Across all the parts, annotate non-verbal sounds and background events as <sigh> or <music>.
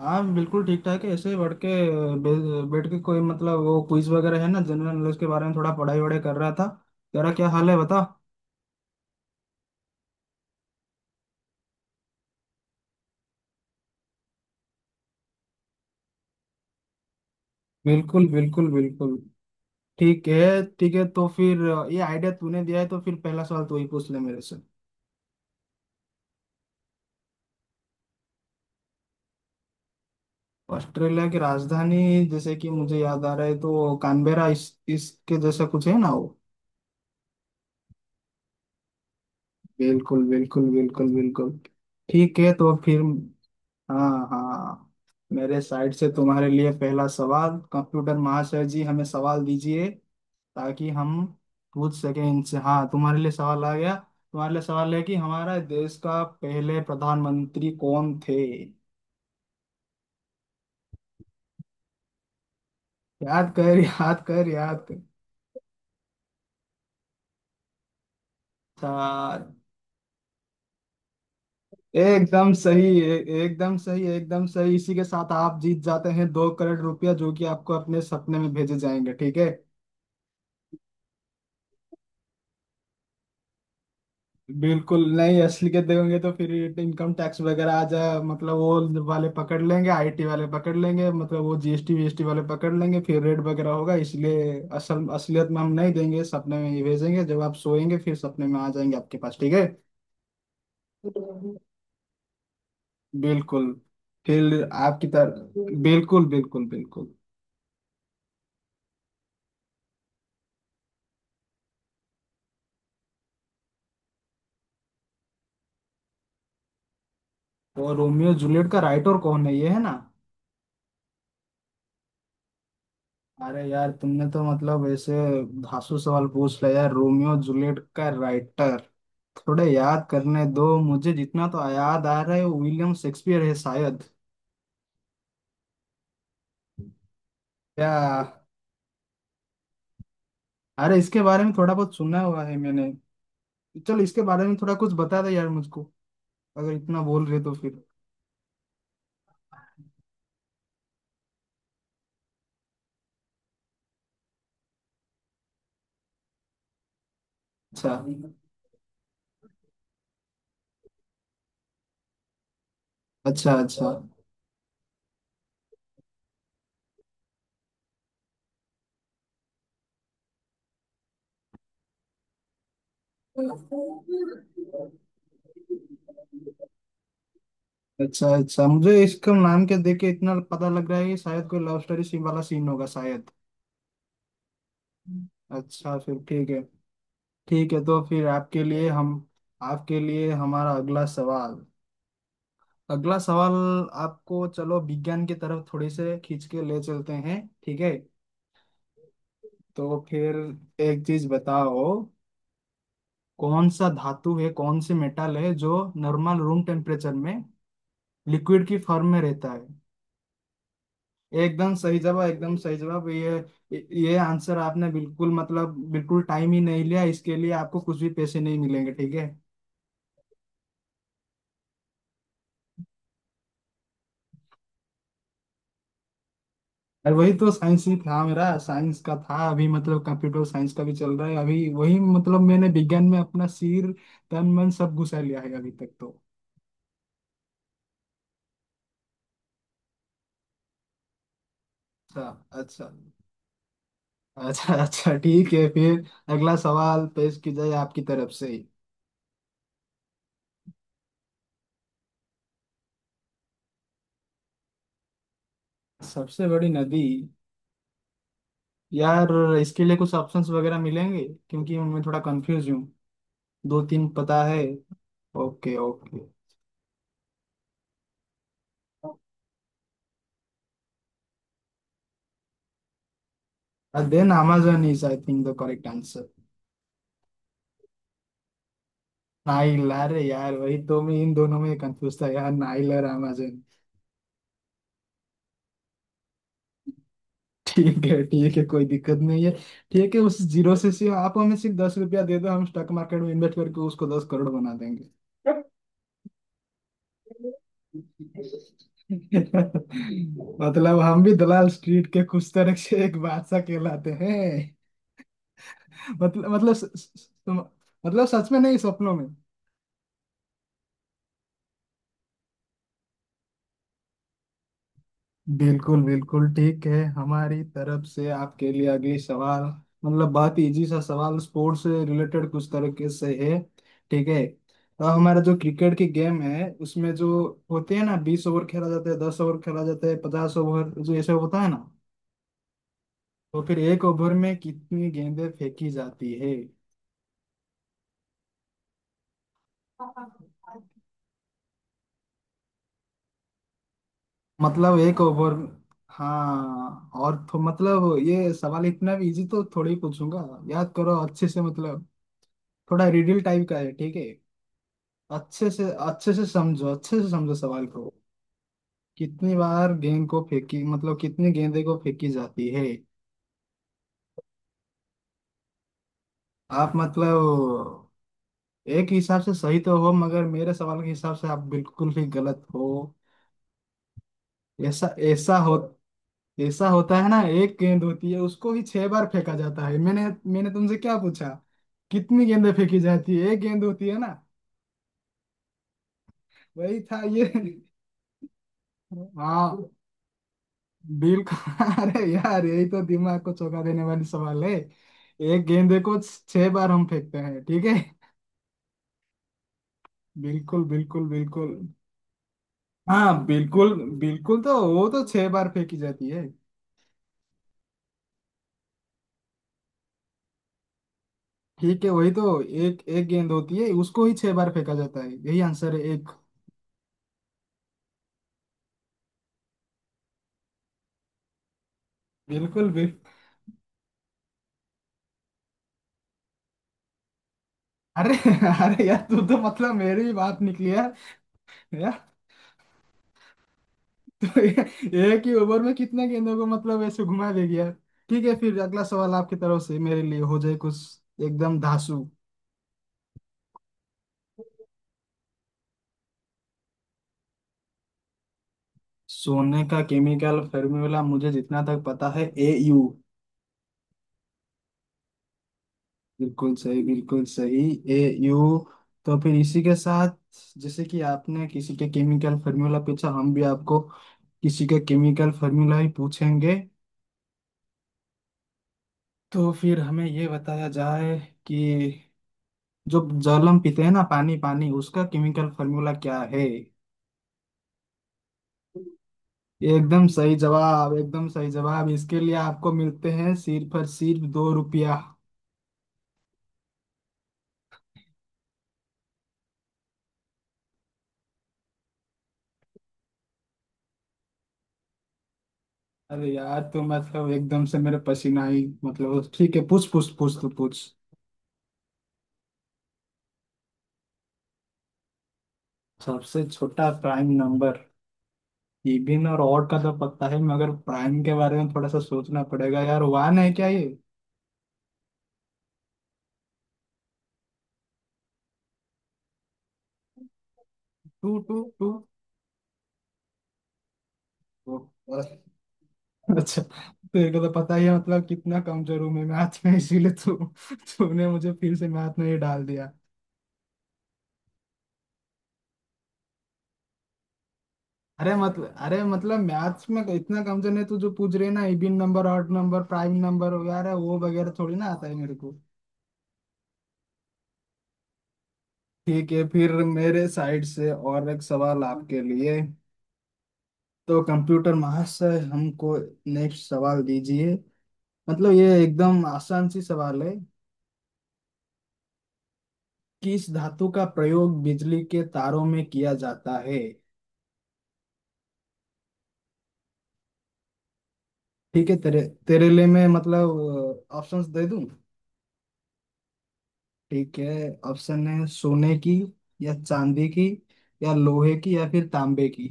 हाँ बिल्कुल ठीक ठाक है। ऐसे ही बढ़ के बैठ के कोई मतलब वो क्विज वगैरह है ना, जनरल नॉलेज के बारे में थोड़ा पढ़ाई वढ़ाई कर रहा था। तेरा क्या हाल है, बता। बिल्कुल बिल्कुल बिल्कुल। ठीक है। ठीक है तो फिर ये आइडिया तूने दिया है, तो फिर पहला सवाल तू ही पूछ ले मेरे से। ऑस्ट्रेलिया की राजधानी जैसे कि मुझे याद आ रहा है तो कानबेरा इस, इसके जैसा कुछ है ना वो। बिल्कुल बिल्कुल बिल्कुल बिल्कुल। ठीक है तो फिर हाँ हाँ। मेरे साइड से तुम्हारे लिए पहला सवाल। कंप्यूटर महाशय जी, हमें सवाल दीजिए, ताकि हम पूछ सकें इनसे। हाँ तुम्हारे लिए सवाल आ गया। तुम्हारे लिए सवाल है कि हमारा देश का पहले प्रधानमंत्री कौन थे। याद कर, याद कर, याद कर। अच्छा, एकदम सही। एकदम सही, एकदम सही। इसी के साथ आप जीत जाते हैं 2 करोड़ रुपया, जो कि आपको अपने सपने में भेजे जाएंगे, ठीक है। बिल्कुल नहीं असलियत देंगे तो फिर इनकम टैक्स वगैरह आ जाए, मतलब वो वाले पकड़ लेंगे, आईटी वाले पकड़ लेंगे, मतलब वो जीएसटी वीएसटी वाले पकड़ लेंगे, फिर रेट वगैरह होगा, इसलिए असलियत में हम नहीं देंगे, सपने में ही भेजेंगे। जब आप सोएंगे फिर सपने में आ जाएंगे आपके पास, ठीक है। बिल्कुल। फिर आपकी तरह बिल्कुल बिल्कुल बिल्कुल। वो रोमियो जूलियट का राइटर कौन है, ये है ना। अरे यार, तुमने तो मतलब ऐसे धांसू सवाल पूछ लिया यार। रोमियो जूलियट का राइटर, थोड़ा याद करने दो मुझे। जितना तो याद आ रहा है वो विलियम शेक्सपियर है शायद। या अरे, इसके बारे में थोड़ा बहुत सुना हुआ है मैंने। चलो इसके बारे में थोड़ा कुछ बता दे यार मुझको, अगर इतना बोल रहे तो फिर। अच्छा अच्छा अच्छा अच्छा अच्छा। मुझे इसका नाम के देख के इतना पता लग रहा है कि शायद कोई लव स्टोरी सीन वाला सीन होगा शायद। अच्छा फिर ठीक है। ठीक है तो फिर आपके लिए हम, आपके लिए हमारा अगला सवाल, अगला सवाल। आपको चलो विज्ञान की तरफ थोड़ी से खींच के ले चलते हैं, ठीक है। तो फिर एक चीज बताओ, कौन सा धातु है, कौन सी मेटल है जो नॉर्मल रूम टेम्परेचर में लिक्विड की फॉर्म में रहता है। एकदम सही जवाब, एकदम सही जवाब। ये आंसर आपने बिल्कुल मतलब बिल्कुल टाइम ही नहीं लिया। इसके लिए आपको कुछ भी पैसे नहीं मिलेंगे, ठीक है। अरे वही तो साइंस ही था मेरा, साइंस का था अभी, मतलब कंप्यूटर साइंस का भी चल रहा है अभी। वही मतलब मैंने विज्ञान में अपना सिर, तन, मन सब घुसा लिया है अभी तक तो। अच्छा अच्छा। अच्छा अच्छा ठीक है फिर। अगला सवाल पेश की जाए आपकी तरफ से। सबसे बड़ी नदी, यार इसके लिए कुछ ऑप्शंस वगैरह मिलेंगे, क्योंकि मैं थोड़ा कंफ्यूज हूँ। दो तीन पता है। Okay okay. Then Amazon is I think the correct. Nile? अरे यार, वही तो मैं इन दोनों में कंफ्यूज था यार, नाइल और अमेजन। <laughs> ठीक है ठीक है, कोई दिक्कत नहीं है। ठीक है, उस जीरो से आप हमें सिर्फ 10 रुपया दे दो, हम स्टॉक मार्केट में इन्वेस्ट करके उसको 10 करोड़ बना देंगे। <laughs> मतलब हम भी दलाल स्ट्रीट के कुछ तरह से एक बादशाह कहलाते हैं। मतलब मतलब स, स, स, मतलब सच में नहीं, सपनों में। बिल्कुल बिल्कुल। ठीक है, हमारी तरफ से आपके लिए अगली सवाल, मतलब बहुत ही इजी सा सवाल, स्पोर्ट्स से रिलेटेड कुछ तरीके से है, ठीक है। और हमारा जो क्रिकेट की गेम है, उसमें जो होते हैं ना, 20 ओवर खेला जाता है, 10 ओवर खेला जाता है, 50 ओवर जो ऐसे होता है ना, तो फिर एक ओवर में कितनी गेंदें फेंकी जाती है। मतलब एक ओवर, हाँ और तो मतलब, ये सवाल इतना भी इजी तो थोड़ी पूछूंगा। याद करो अच्छे से, मतलब थोड़ा रिडल टाइप का है, ठीक है। अच्छे से समझो, अच्छे से समझो सवाल को। कितनी बार गेंद को फेंकी, मतलब कितनी गेंदे को फेंकी जाती है। आप मतलब एक हिसाब से सही तो हो, मगर मेरे सवाल के हिसाब से आप बिल्कुल ही गलत हो। ऐसा ऐसा हो, ऐसा होता है ना, एक गेंद होती है उसको ही 6 बार फेंका जाता है। मैंने, मैंने तुमसे क्या पूछा, कितनी गेंदें फेंकी जाती है। एक गेंद होती है ना, वही था ये। <laughs> हाँ बिल्कुल। <laughs> अरे यार, यही तो दिमाग को चौंका देने वाली सवाल है। एक गेंदे को 6 बार हम फेंकते हैं, ठीक है। बिल्कुल बिल्कुल बिल्कुल। हाँ बिल्कुल, बिल्कुल तो वो तो 6 बार फेंकी जाती है। ठीक है, वही तो, एक एक गेंद होती है, उसको ही छह बार फेंका जाता है, यही आंसर है एक। बिल्कुल बिल्कुल। अरे <laughs> अरे यार, तू तो मतलब मेरी ही बात निकली यार। एक ही ओवर में कितने गेंदों को मतलब ऐसे घुमा दे गया। ठीक है, फिर अगला सवाल आपकी तरफ से मेरे लिए हो जाए कुछ एकदम धांसू। सोने का केमिकल फॉर्मूला मुझे जितना तक पता है Au। बिल्कुल सही बिल्कुल सही। Au, तो फिर इसी के साथ जैसे कि आपने किसी के केमिकल फॉर्मूला पूछा, हम भी आपको किसी के केमिकल फॉर्मूला ही पूछेंगे। तो फिर हमें ये बताया जाए कि जो जल हम पीते हैं ना, पानी पानी, उसका केमिकल फॉर्मूला क्या है। एकदम सही जवाब, एकदम सही जवाब। इसके लिए आपको मिलते हैं सिर्फ और सिर्फ 2 रुपया। अरे यार, तो मतलब एकदम से मेरे पसीना ही, मतलब ठीक है, पूछ पूछ पूछ, तो पूछ। सबसे छोटा प्राइम नंबर। इवन और ऑड का तो पता है, मगर प्राइम के बारे में थोड़ा सा सोचना पड़ेगा यार। 1 है क्या ये? 2 2 2। <laughs> ओ, अच्छा तो ये तो पता ही है। मतलब कितना कमजोर हूँ मैं मैथ में, इसीलिए तू, तूने मुझे फिर से मैथ में ही डाल दिया। अरे मतलब, अरे मतलब, मैथ्स में तो इतना कमजोर है तू, जो पूछ रहे ना, even number, odd number, prime number वगैरह वो वगैरह थोड़ी ना आता है मेरे को। ठीक है, फिर मेरे साइड से और एक सवाल आपके लिए। तो कंप्यूटर महाशय, हमको नेक्स्ट सवाल दीजिए। मतलब ये एकदम आसान सी सवाल है, किस धातु का प्रयोग बिजली के तारों में किया जाता है। ठीक है तेरे, तेरे लिए मैं मतलब ऑप्शंस दे दूं, ठीक है। ऑप्शन है सोने की, या चांदी की, या लोहे की, या फिर तांबे की।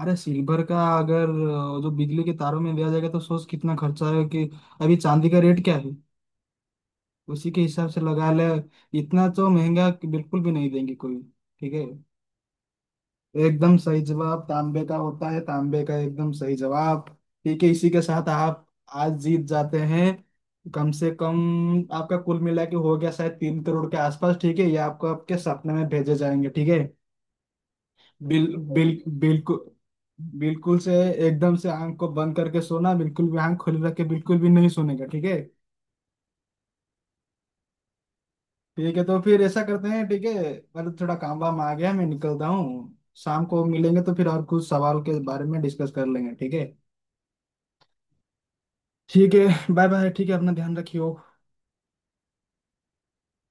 अरे सिल्वर का अगर, जो बिजली के तारों में दिया जाएगा, तो सोच कितना खर्चा है कि अभी चांदी का रेट क्या है, उसी के हिसाब से लगा ले। इतना तो महंगा कि बिल्कुल भी नहीं देंगे कोई। ठीक है, एकदम सही जवाब, तांबे का होता है, तांबे का, एकदम सही जवाब। ठीक है, इसी के साथ आप आज जीत जाते हैं कम से कम, आपका कुल मिला के हो गया शायद 3 करोड़ के आसपास, ठीक है। ये आपको आपके सपने में भेजे जाएंगे, ठीक है। बिल बिल बिल्कुल, बिल्कुल से एकदम से आंख को बंद करके सोना, बिल्कुल भी आंख खुली रख के बिल्कुल भी नहीं सोने का, ठीक है। ठीक है तो फिर ऐसा करते हैं, ठीक है। मतलब थोड़ा काम वाम आ गया, मैं निकलता हूँ। शाम को मिलेंगे तो फिर और कुछ सवाल के बारे में डिस्कस कर लेंगे, ठीक है। ठीक है, बाय बाय, ठीक है, अपना ध्यान रखियो।